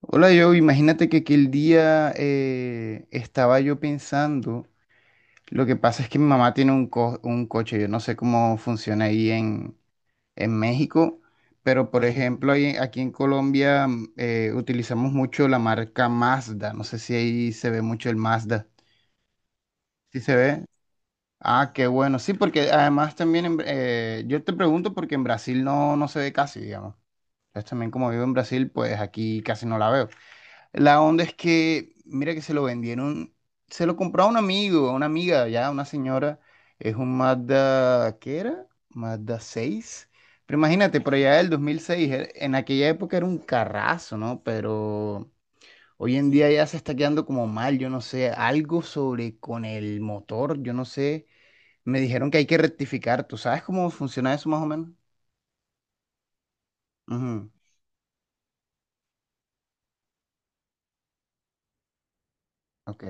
Hola, yo imagínate que aquel día estaba yo pensando, lo que pasa es que mi mamá tiene un coche. Yo no sé cómo funciona ahí en México, pero por ejemplo aquí en Colombia utilizamos mucho la marca Mazda. No sé si ahí se ve mucho el Mazda, ¿sí se ve? Ah, qué bueno, sí, porque además también, en yo te pregunto porque en Brasil no se ve casi, digamos, entonces también como vivo en Brasil, pues aquí casi no la veo. La onda es que, mira que se lo vendieron, se lo compró a un amigo, a una amiga, ya, una señora. Es un Mazda, ¿qué era? Mazda seis. Pero imagínate, por allá del 2006, en aquella época era un carrazo, ¿no? Pero hoy en día ya se está quedando como mal, yo no sé, algo sobre con el motor, yo no sé. Me dijeron que hay que rectificar, ¿tú sabes cómo funciona eso más o menos? Ujú. Ok.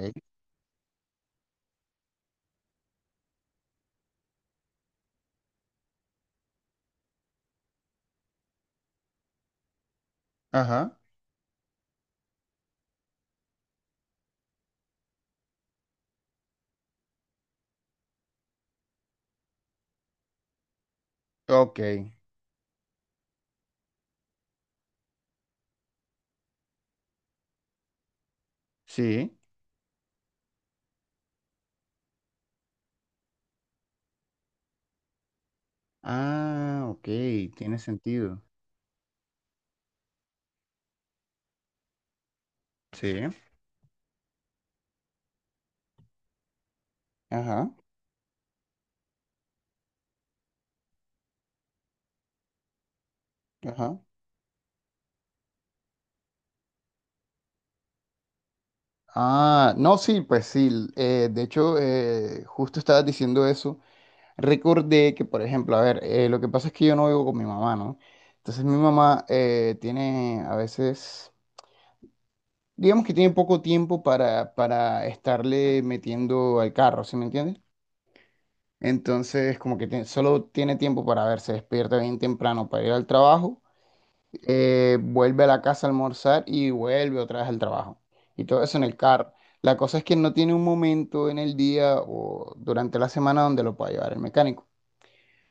Ajá. Ok. Sí. Ah, ok, tiene sentido. Sí, ajá, ajá. Ah, no, sí, pues sí. De hecho, justo estabas diciendo eso. Recordé que, por ejemplo, a ver, lo que pasa es que yo no vivo con mi mamá, ¿no? Entonces mi mamá tiene a veces, digamos que tiene poco tiempo para estarle metiendo al carro, ¿sí me entiendes? Entonces, solo tiene tiempo para ver, se despierta bien temprano para ir al trabajo, vuelve a la casa a almorzar y vuelve otra vez al trabajo. Y todo eso en el carro. La cosa es que no tiene un momento en el día o durante la semana donde lo pueda llevar el mecánico.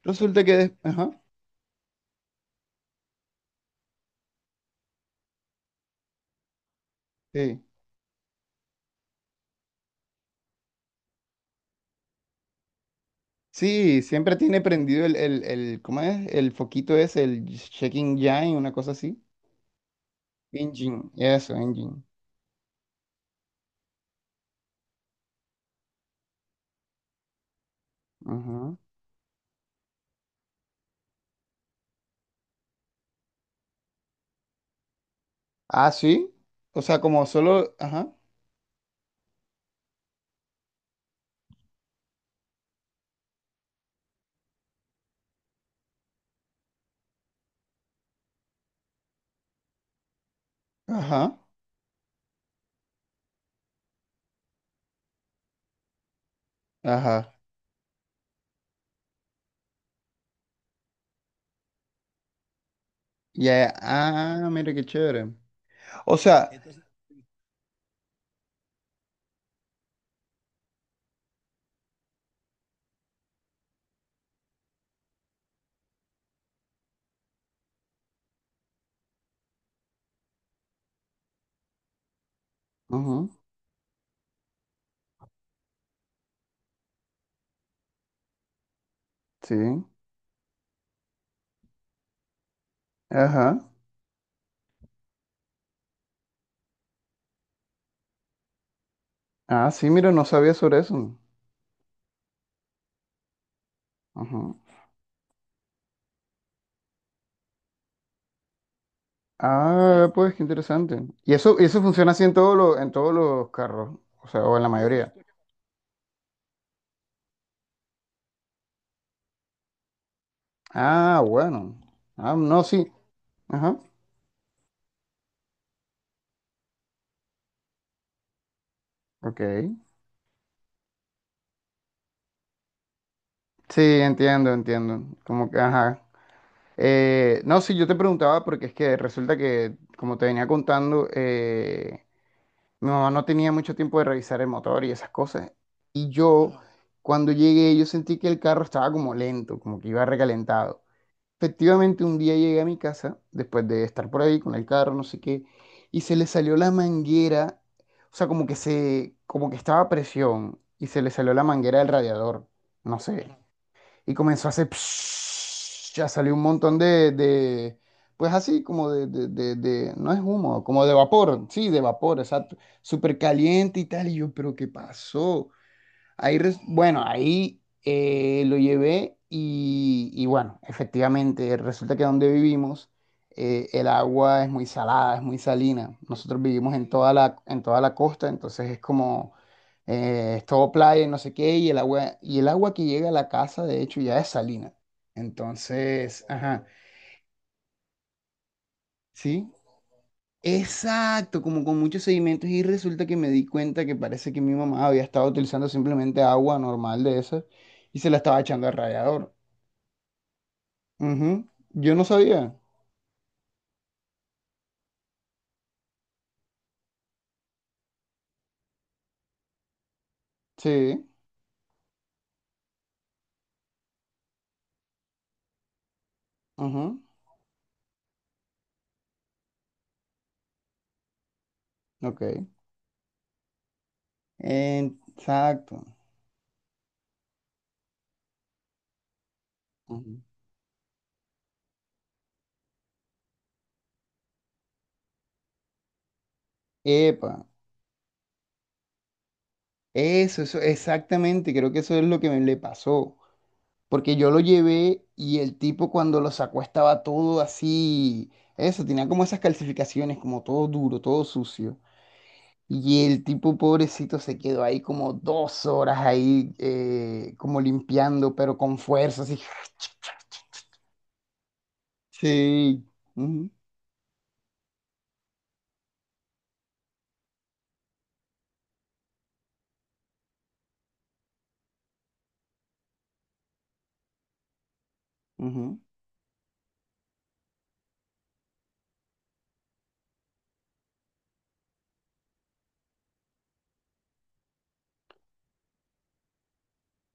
Resulta que. Ajá, sí. Sí, siempre tiene prendido el, ¿cómo es? El foquito ese, el checking engine, una cosa así. Engine, eso, engine. Ajá. Ah, sí. O sea, como solo... Ajá, ajá, ajá. Ya. Ah, mira qué chévere. O sea... Ajá, sí. Ajá. Ah, sí, mira, no sabía sobre eso. Ajá. Ah, pues qué interesante. Y eso funciona así en todos en todos los carros, o sea, o en la mayoría. Ah, bueno. Ah, no, sí. Ajá. Ok. Sí, entiendo, entiendo. Como que, ajá. No, sí, yo te preguntaba porque es que resulta que, como te venía contando, mi mamá no tenía mucho tiempo de revisar el motor y esas cosas. Y yo, cuando llegué, yo sentí que el carro estaba como lento, como que iba recalentado. Efectivamente, un día llegué a mi casa, después de estar por ahí con el carro, no sé qué, y se le salió la manguera, o sea, como que como que estaba a presión, y se le salió la manguera del radiador, no sé, y comenzó a hacer, psh, ya salió un montón de pues así, como de no es humo, como de vapor, sí, de vapor, exacto, súper caliente y tal, y yo, pero ¿qué pasó? Bueno, ahí lo llevé y bueno, efectivamente, resulta que donde vivimos el agua es muy salada, es muy salina. Nosotros vivimos en toda en toda la costa, entonces es como, es todo playa y no sé qué, y el agua que llega a la casa, de hecho, ya es salina. Entonces, ajá, sí. Exacto, como con muchos sedimentos y resulta que me di cuenta que parece que mi mamá había estado utilizando simplemente agua normal de esas y se la estaba echando al rallador. Ujú. Yo no sabía. Sí. Ujú. Ok. En... Exacto. Ujú. Epa, eso, exactamente, creo que eso es lo que me le pasó. Porque yo lo llevé y el tipo cuando lo sacó estaba todo así, eso, tenía como esas calcificaciones, como todo duro, todo sucio. Y el tipo pobrecito se quedó ahí como dos horas ahí, como limpiando, pero con fuerza, así. Sí. Ujú, ujú.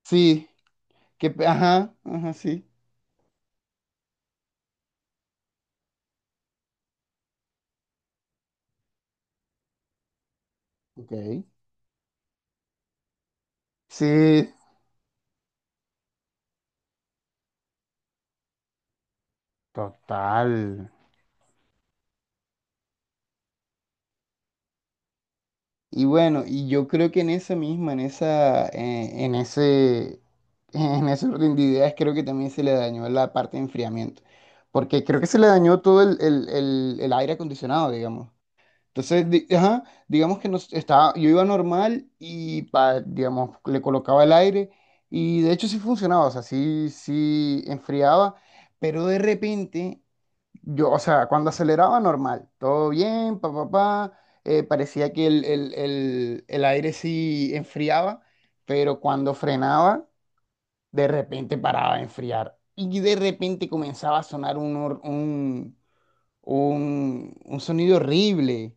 Sí. Que, ajá, ajá, sí. Ok. Sí, total. Y bueno, y yo creo que en esa misma, en esa, en ese orden de ideas, creo que también se le dañó la parte de enfriamiento. Porque creo que se le dañó todo el aire acondicionado, digamos. Entonces, ajá, digamos que nos, estaba, yo iba normal y, digamos, le colocaba el aire y de hecho sí funcionaba, o sea, sí, sí enfriaba, pero de repente, yo, o sea, cuando aceleraba normal, todo bien, pa, pa, pa, parecía que el aire sí enfriaba, pero cuando frenaba, de repente paraba de enfriar y de repente comenzaba a sonar un sonido horrible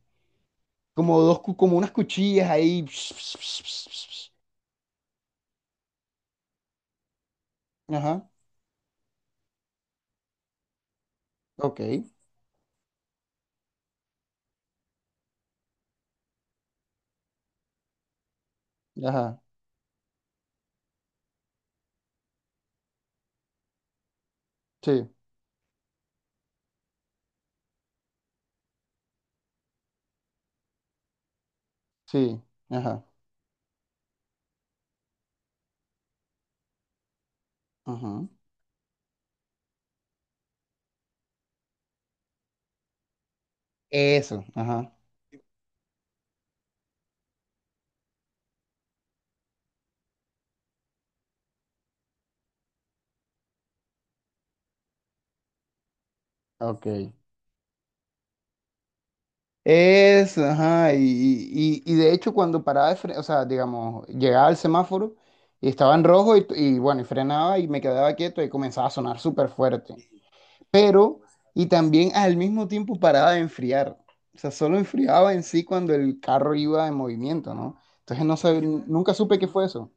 como como unas cuchillas ahí. Ps, ps, ps, ps, ps. Ps. Ajá. Ok. Ajá. Sí, sí. Ajá. Ajá. Eso. Ajá. Ok. Eso, ajá. Y de hecho, cuando paraba de o sea, digamos, llegaba al semáforo y estaba en rojo y bueno, y frenaba y me quedaba quieto y comenzaba a sonar súper fuerte. Pero y también al mismo tiempo paraba de enfriar. O sea, solo enfriaba en sí cuando el carro iba en movimiento, ¿no? Entonces no nunca supe qué fue eso.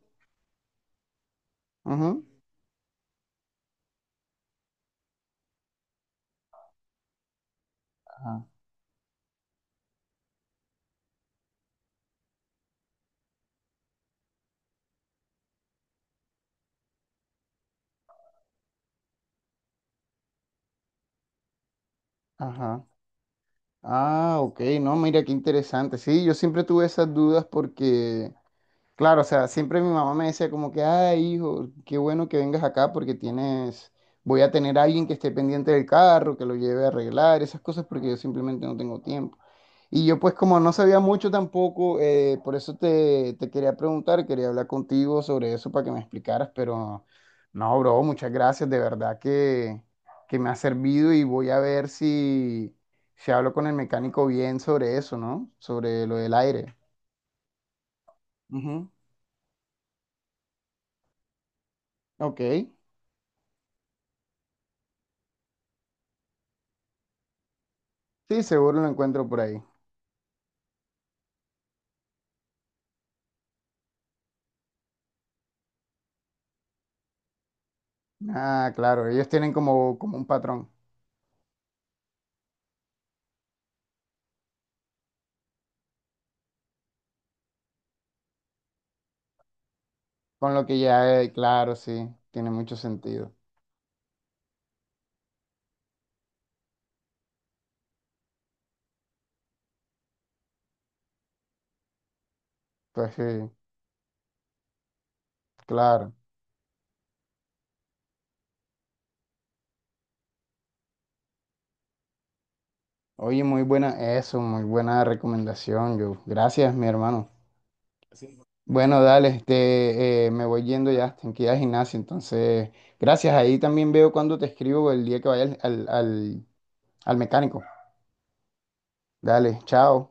Ujú. Ajá, ajá. Ah, ok, no, mira qué interesante. Sí, yo siempre tuve esas dudas porque claro, o sea, siempre mi mamá me decía como que, ay, hijo, qué bueno que vengas acá porque tienes, voy a tener a alguien que esté pendiente del carro, que lo lleve a arreglar, esas cosas porque yo simplemente no tengo tiempo. Y yo pues como no sabía mucho tampoco, por eso te quería preguntar, quería hablar contigo sobre eso para que me explicaras, pero no, bro, muchas gracias, de verdad que me ha servido y voy a ver si, si hablo con el mecánico bien sobre eso, ¿no? Sobre lo del aire. Ujú. Ok. Sí, seguro lo encuentro por ahí. Ah, claro, ellos tienen como, como un patrón, con lo que ya, es, claro, sí, tiene mucho sentido. Pues sí, claro. Oye, muy buena eso, muy buena recomendación, yo. Gracias, mi hermano. Bueno, dale, este, me voy yendo ya, tengo que ir al gimnasio, entonces, gracias. Ahí también veo cuando te escribo el día que vaya al al mecánico. Dale, chao.